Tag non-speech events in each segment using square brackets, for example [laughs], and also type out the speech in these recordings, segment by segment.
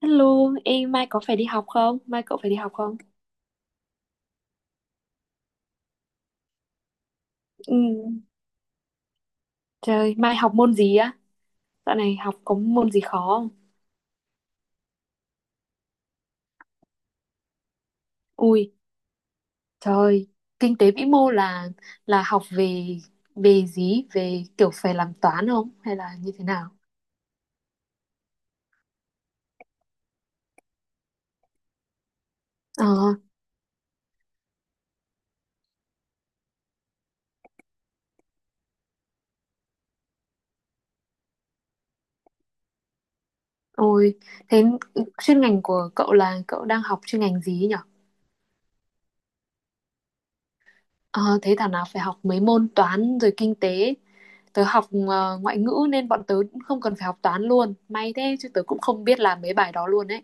Hello, em mai có phải đi học không? Mai cậu phải đi học không? Ừ. Trời, mai học môn gì á? Dạo này học có môn gì khó không? Ui, trời, kinh tế vĩ mô là học về về gì? Về kiểu phải làm toán không? Hay là như thế nào? Ờ, ôi, thế chuyên ngành của cậu là cậu đang học chuyên ngành gì ấy nhở? Ờ, thế thảo nào phải học mấy môn toán rồi kinh tế. Tớ học ngoại ngữ nên bọn tớ cũng không cần phải học toán luôn. May thế chứ tớ cũng không biết làm mấy bài đó luôn ấy.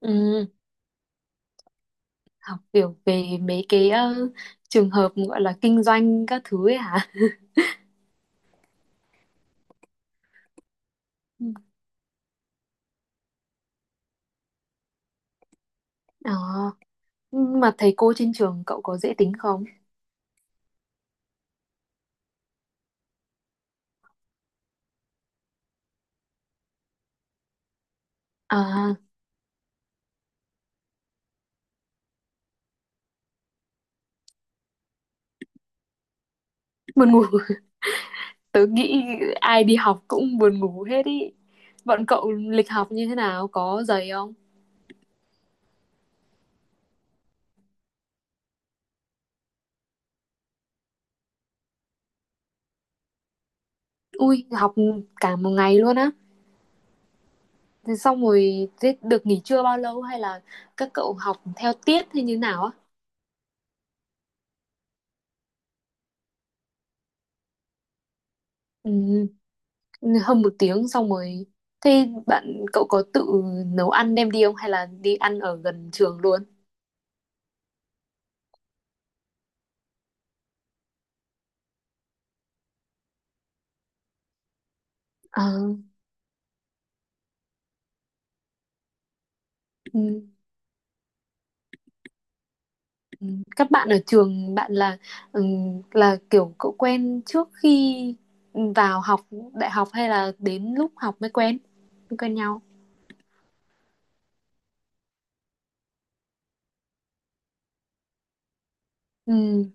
Ừ, học kiểu về mấy cái trường hợp gọi là kinh doanh các thứ ấy hả? Ừ. Ờ, nhưng mà thầy cô trên trường cậu có dễ tính không? À, buồn ngủ. [laughs] Tớ nghĩ ai đi học cũng buồn ngủ hết ý. Bọn cậu lịch học như thế nào? Có dày không? Ui, học cả một ngày luôn á. Thế xong rồi thế được nghỉ trưa bao lâu hay là các cậu học theo tiết hay như nào á? Ừ. Hơn một tiếng xong rồi thế bạn cậu có tự nấu ăn đem đi không hay là đi ăn ở gần trường luôn. Ờ, ừ, ừ, các bạn ở trường bạn là, ừ, là kiểu cậu quen trước khi vào học đại học hay là đến lúc học mới quen nhau. Ừ.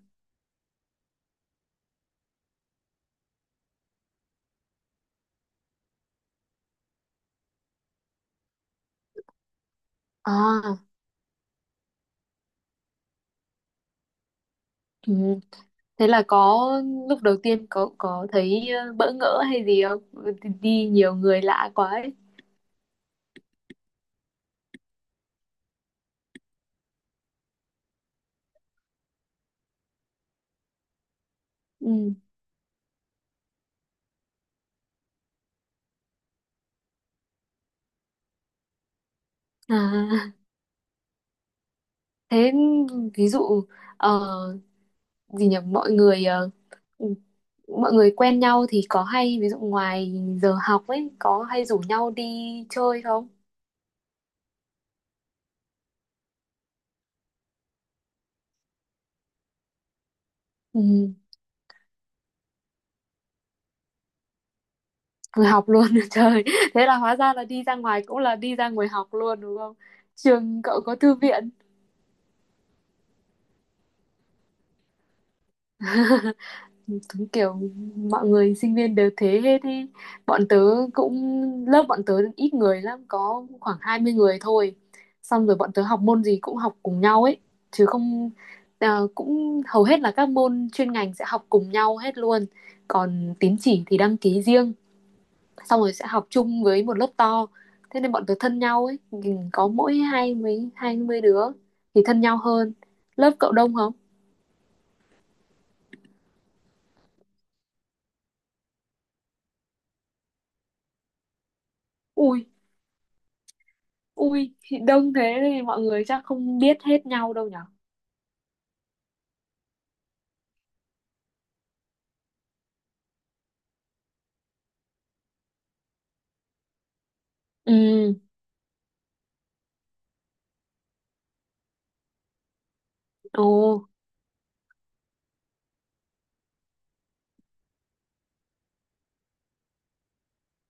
À, ừ. Thế là có lúc đầu tiên có thấy bỡ ngỡ hay gì không, đi đi nhiều người lạ quá ấy. Ừ. À, thế ví dụ ờ, gì nhỉ, mọi người quen nhau thì có hay ví dụ ngoài giờ học ấy có hay rủ nhau đi chơi không? Ừ, vừa học luôn. [laughs] Trời, thế là hóa ra là đi ra ngoài cũng là đi ra ngoài học luôn đúng không? Trường cậu có thư viện? [laughs] Đúng kiểu mọi người sinh viên đều thế hết ý. Bọn tớ cũng, lớp bọn tớ ít người lắm, có khoảng 20 người thôi, xong rồi bọn tớ học môn gì cũng học cùng nhau ấy, chứ không, à, cũng hầu hết là các môn chuyên ngành sẽ học cùng nhau hết luôn, còn tín chỉ thì đăng ký riêng, xong rồi sẽ học chung với một lớp to. Thế nên bọn tớ thân nhau ấy, có mỗi 20 đứa thì thân nhau hơn. Lớp cậu đông không? Ui. Ui, thì đông thế thì mọi người chắc không biết hết nhau đâu nhở? Ừ, ồ,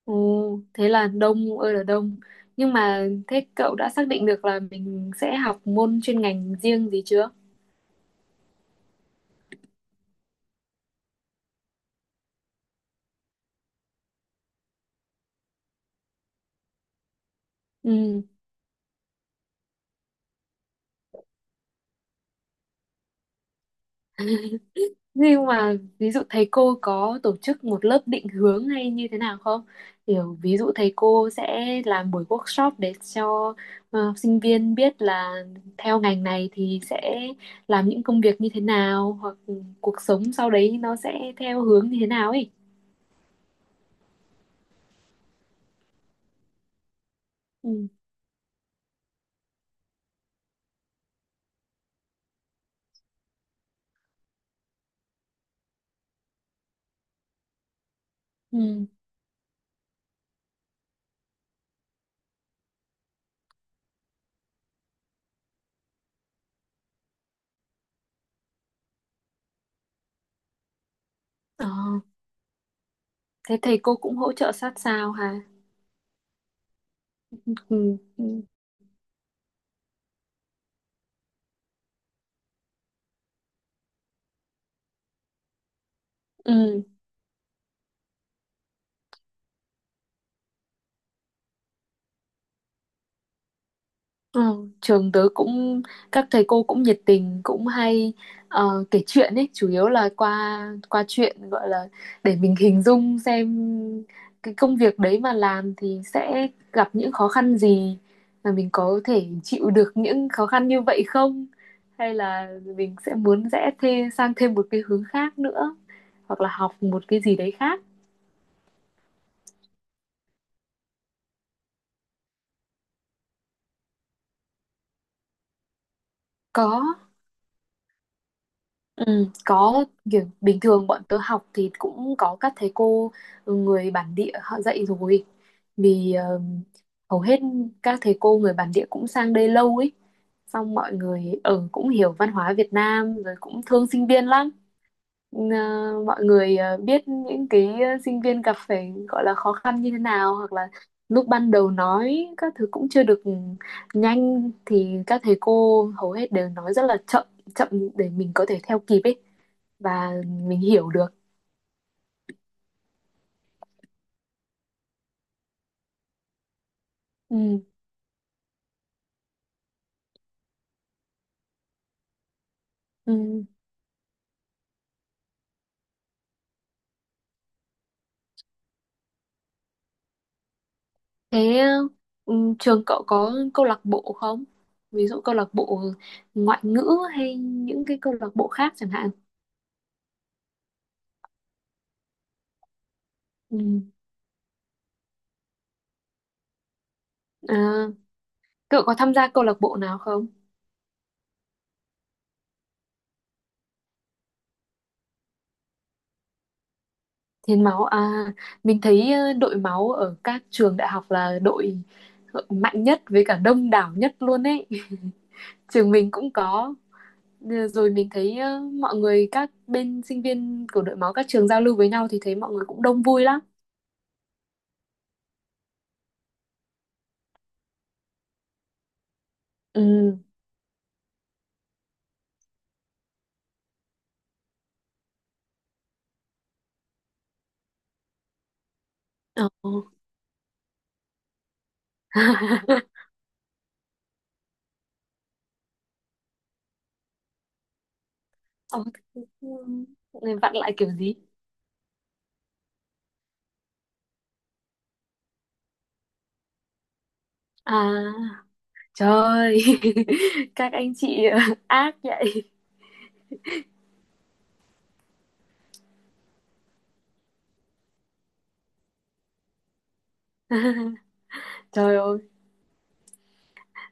ồ, thế là đông ơi là đông. Nhưng mà thế cậu đã xác định được là mình sẽ học môn chuyên ngành riêng gì chưa? Ừ. Nhưng mà ví dụ thầy cô có tổ chức một lớp định hướng hay như thế nào không? Kiểu ví dụ thầy cô sẽ làm buổi workshop để cho sinh viên biết là theo ngành này thì sẽ làm những công việc như thế nào, hoặc cuộc sống sau đấy nó sẽ theo hướng như thế nào ấy. Ừ. Ừ. Ờ, thế thầy cô cũng hỗ trợ sát sao hả? Ừ. Ừ. Ừ. Ừ, trường tớ cũng, các thầy cô cũng nhiệt tình, cũng hay kể chuyện ấy, chủ yếu là qua qua chuyện gọi là để mình hình dung xem cái công việc đấy mà làm thì sẽ gặp những khó khăn gì, và mình có thể chịu được những khó khăn như vậy không, hay là mình sẽ muốn rẽ thêm sang thêm một cái hướng khác nữa, hoặc là học một cái gì đấy khác. Có. Ừ, có, kiểu bình thường bọn tớ học thì cũng có các thầy cô, ừ, người bản địa họ dạy rồi, vì hầu hết các thầy cô người bản địa cũng sang đây lâu ấy, xong mọi người ở cũng hiểu văn hóa Việt Nam rồi cũng thương sinh viên lắm. Ờ, mọi người biết những cái sinh viên gặp phải gọi là khó khăn như thế nào, hoặc là lúc ban đầu nói các thứ cũng chưa được nhanh thì các thầy cô hầu hết đều nói rất là chậm chậm để mình có thể theo kịp ấy, và mình hiểu được. Ừ, ừ. Thế, ừ, trường cậu có câu lạc bộ không? Ví dụ câu lạc bộ ngoại ngữ hay những cái câu lạc bộ khác chẳng hạn. Ừ. À, cậu có tham gia câu lạc bộ nào không? Hiến máu à, mình thấy đội máu ở các trường đại học là đội mạnh nhất với cả đông đảo nhất luôn ấy. [laughs] Trường mình cũng có. Ờ, rồi mình thấy mọi người các bên sinh viên của đội máu các trường giao lưu với nhau thì thấy mọi người cũng đông vui lắm. Ừ. Ồ. [laughs] Ồ, thế thì, người vặn lại kiểu gì? À, trời ơi. [laughs] Các anh chị [laughs] ác vậy. [laughs] Trời ơi,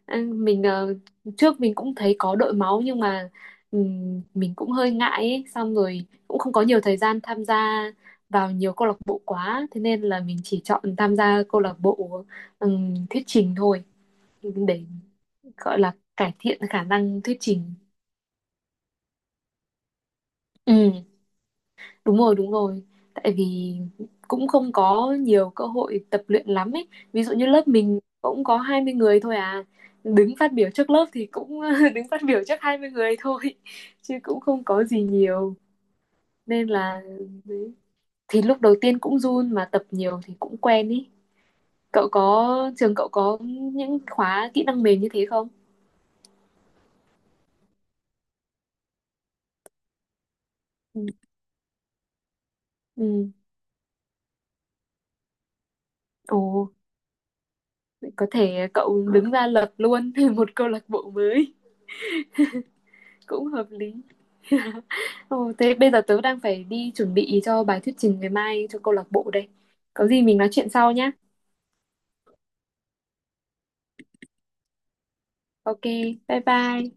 anh- mình, trước mình cũng thấy có đội máu nhưng mà, mình cũng hơi ngại ấy, xong rồi cũng không có nhiều thời gian tham gia vào nhiều câu lạc bộ quá, thế nên là mình chỉ chọn tham gia câu lạc bộ thuyết trình thôi, để gọi là cải thiện khả năng thuyết trình. Đúng rồi, đúng rồi. Tại vì cũng không có nhiều cơ hội tập luyện lắm ấy. Ví dụ như lớp mình cũng có 20 người thôi à. Đứng phát biểu trước lớp thì cũng [laughs] đứng phát biểu trước 20 người thôi. [laughs] Chứ cũng không có gì nhiều. Nên là đấy. Thì lúc đầu tiên cũng run mà tập nhiều thì cũng quen ý. Cậu có, trường cậu có những khóa kỹ năng mềm như thế không? Ừ. Ừ. Ồ, có thể cậu đứng ra lập luôn [laughs] một câu lạc bộ mới. Cũng hợp lý. Ừ, thế bây giờ tớ đang phải đi chuẩn bị cho bài thuyết trình ngày mai cho câu lạc bộ đây. Có gì mình nói chuyện sau nhé. Ok, bye bye.